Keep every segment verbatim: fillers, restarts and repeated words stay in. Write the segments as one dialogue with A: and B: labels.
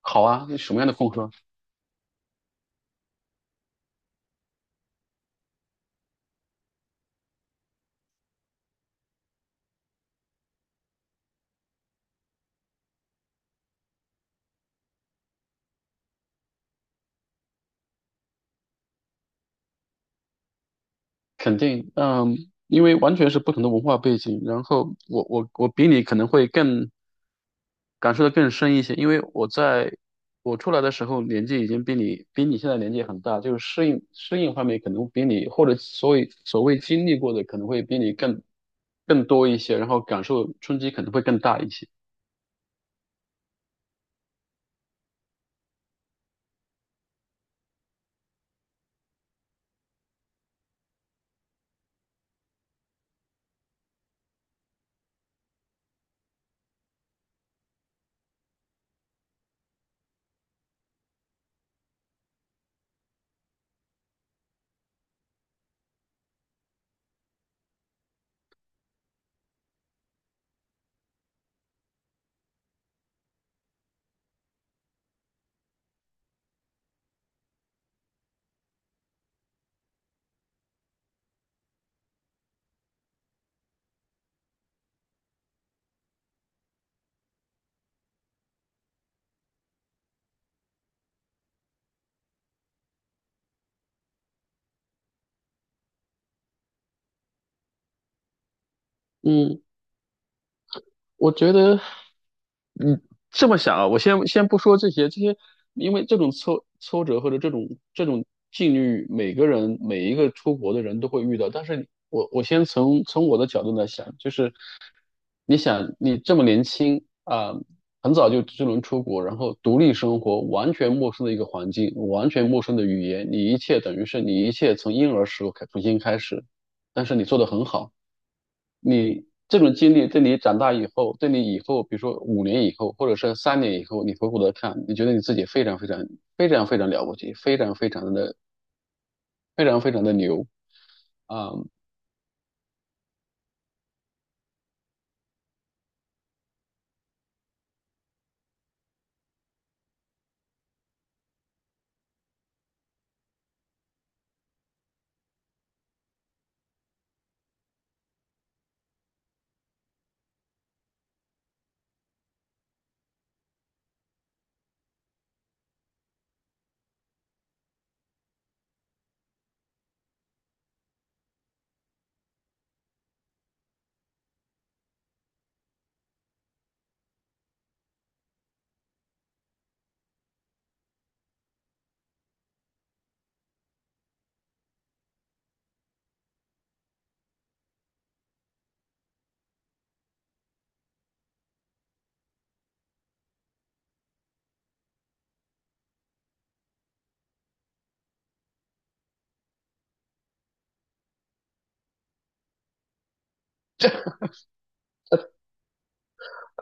A: 好啊，那什么样的风格？肯定，嗯，因为完全是不同的文化背景，然后我我我比你可能会更感受的更深一些，因为我在我出来的时候年纪已经比你比你现在年纪很大，就是适应适应方面可能比你或者所谓所谓经历过的可能会比你更更多一些，然后感受冲击可能会更大一些。嗯，我觉得，你这么想啊，我先先不说这些，这些，因为这种挫挫折或者这种这种境遇，每个人每一个出国的人都会遇到。但是我我先从从我的角度来想，就是你想你这么年轻啊、很早就就能出国，然后独立生活，完全陌生的一个环境，完全陌生的语言，你一切等于是你一切从婴儿时候开重新开始，但是你做得很好。你这种经历对你长大以后，对你以后，比如说五年以后，或者是三年以后，你回过头看，你觉得你自己非常非常非常非常了不起，非常非常的非常非常的牛啊！嗯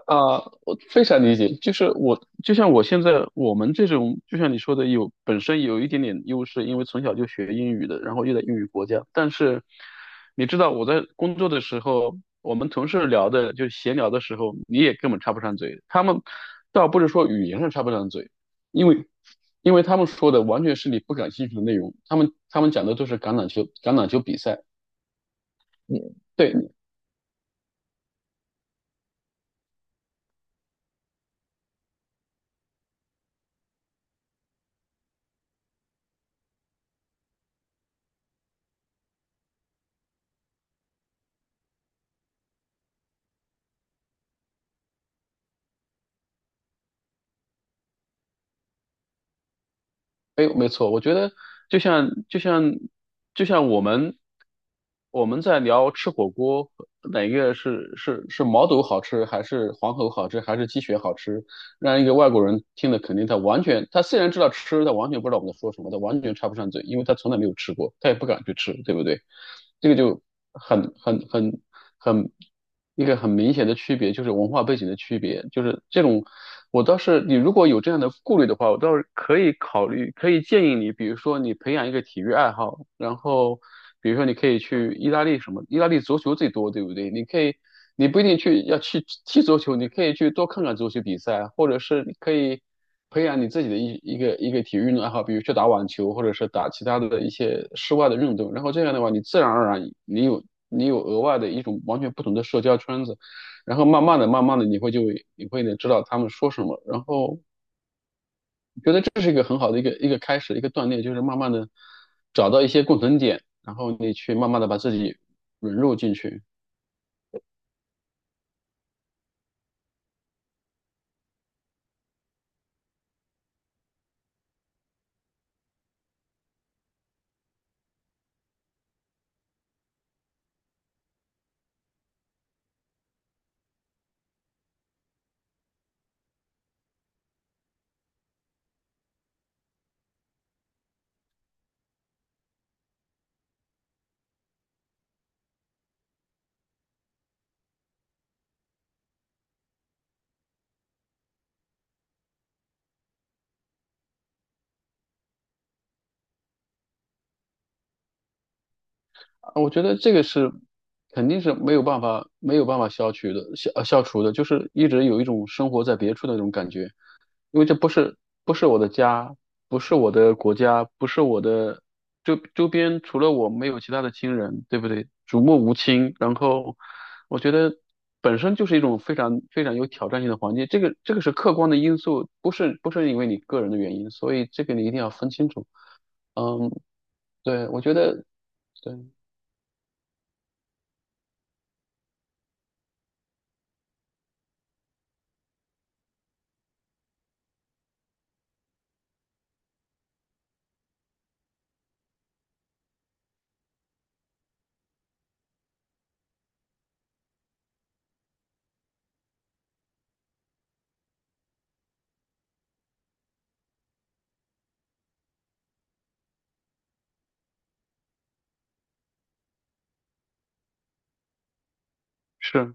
A: 啊，我非常理解，就是我就像我现在我们这种，就像你说的有本身有一点点优势，因为从小就学英语的，然后又在英语国家。但是你知道我在工作的时候，我们同事聊的就闲聊的时候，你也根本插不上嘴。他们倒不是说语言上插不上嘴，因为因为他们说的完全是你不感兴趣的内容，他们他们讲的都是橄榄球橄榄球比赛。嗯对，没有没错，我觉得就像就像就像我们我们在聊吃火锅，哪个是是是毛肚好吃，还是黄喉好吃，还是鸡血好吃？让一个外国人听了，肯定他完全，他虽然知道吃，他完全不知道我们在说什么，他完全插不上嘴，因为他从来没有吃过，他也不敢去吃，对不对？这个就很很很很一个很明显的区别，就是文化背景的区别，就是这种。我倒是，你如果有这样的顾虑的话，我倒是可以考虑，可以建议你，比如说你培养一个体育爱好，然后比如说你可以去意大利什么，意大利足球最多，对不对？你可以你不一定去要去踢足球，你可以去多看看足球比赛啊，或者是你可以培养你自己的一一个一个体育运动爱好，比如去打网球，或者是打其他的一些室外的运动。然后这样的话，你自然而然你有你有额外的一种完全不同的社交圈子，然后慢慢的、慢慢的，你会就你会呢知道他们说什么，然后我觉得这是一个很好的一个一个开始，一个锻炼，就是慢慢的找到一些共同点，然后你去慢慢的把自己融入进去。我觉得这个是肯定是没有办法没有办法消去的消呃消除的，就是一直有一种生活在别处的那种感觉，因为这不是不是我的家，不是我的国家，不是我的周周边，除了我没有其他的亲人，对不对？举目无亲，然后我觉得本身就是一种非常非常有挑战性的环境，这个这个是客观的因素，不是不是因为你个人的原因，所以这个你一定要分清楚。嗯，对，我觉得对是。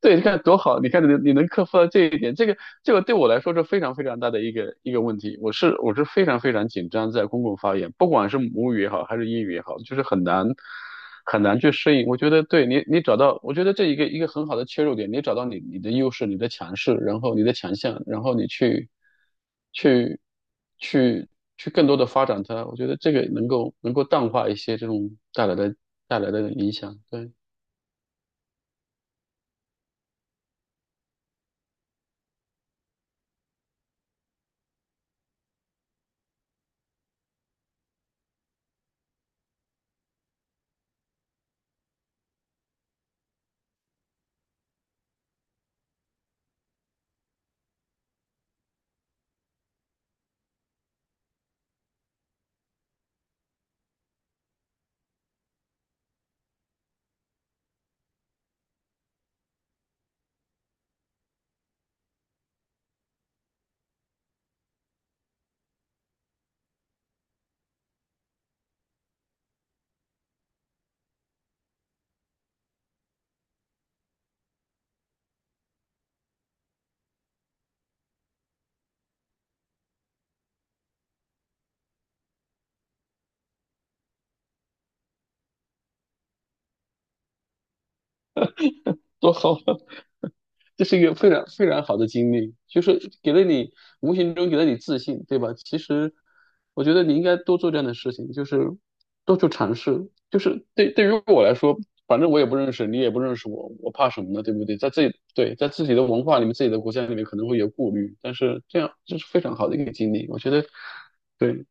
A: 对，你看多好，你看你你能克服到这一点，这个这个对我来说是非常非常大的一个一个问题。我是我是非常非常紧张，在公共发言，不管是母语也好，还是英语也好，就是很难很难去适应。我觉得对你你找到，我觉得这一个一个很好的切入点，你找到你你的优势、你的强势，然后你的强项，然后你去去去去更多的发展它。我觉得这个能够能够淡化一些这种带来的带来的影响，对，多好啊。这是一个非常非常好的经历，就是给了你无形中给了你自信，对吧？其实我觉得你应该多做这样的事情，就是多去尝试。就是对对于我来说，反正我也不认识你，也不认识我，我怕什么呢？对不对？在自己对在自己的文化里面、自己的国家里面可能会有顾虑，但是这样这是非常好的一个经历，我觉得对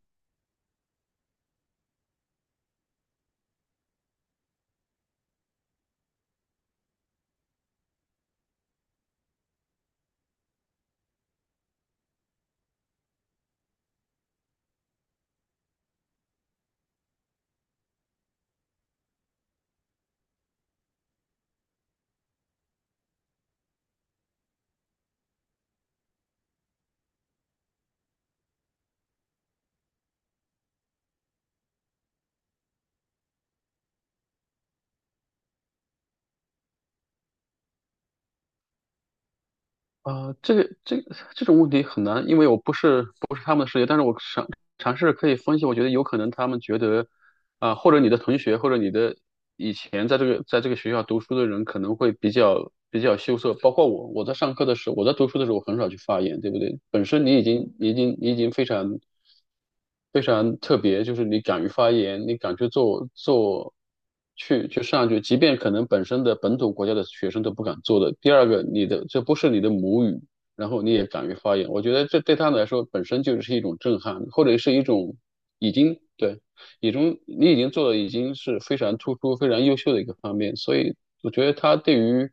A: 啊、呃这个这个这种问题很难，因为我不是不是他们的世界，但是我尝尝试可以分析，我觉得有可能他们觉得。啊，或者你的同学，或者你的以前在这个在这个学校读书的人，可能会比较比较羞涩。包括我，我在上课的时候，我在读书的时候，我很少去发言，对不对？本身你已经你已经你已经非常非常特别，就是你敢于发言，你敢去做做去去上去，即便可能本身的本土国家的学生都不敢做的。第二个，你的这不是你的母语，然后你也敢于发言，我觉得这对他们来说本身就是一种震撼，或者是一种已经对。你中你已经做的已经是非常突出、非常优秀的一个方面，所以我觉得他对于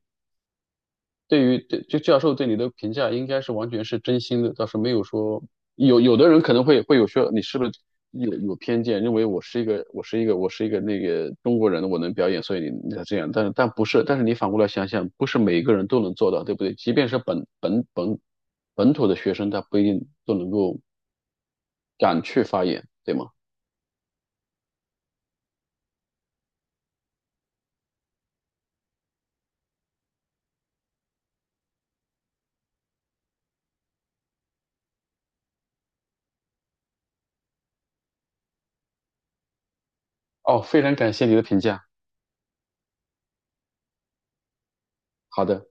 A: 对于对就教授对你的评价应该是完全是真心的，倒是没有说有有的人可能会会有说你是不是有有偏见，认为我是一个我是一个我是一个那个中国人，我能表演，所以你你才这样，但但不是，但是你反过来想想，不是每一个人都能做到，对不对？即便是本本本本土的学生，他不一定都能够敢去发言，对吗？哦，非常感谢你的评价，好的。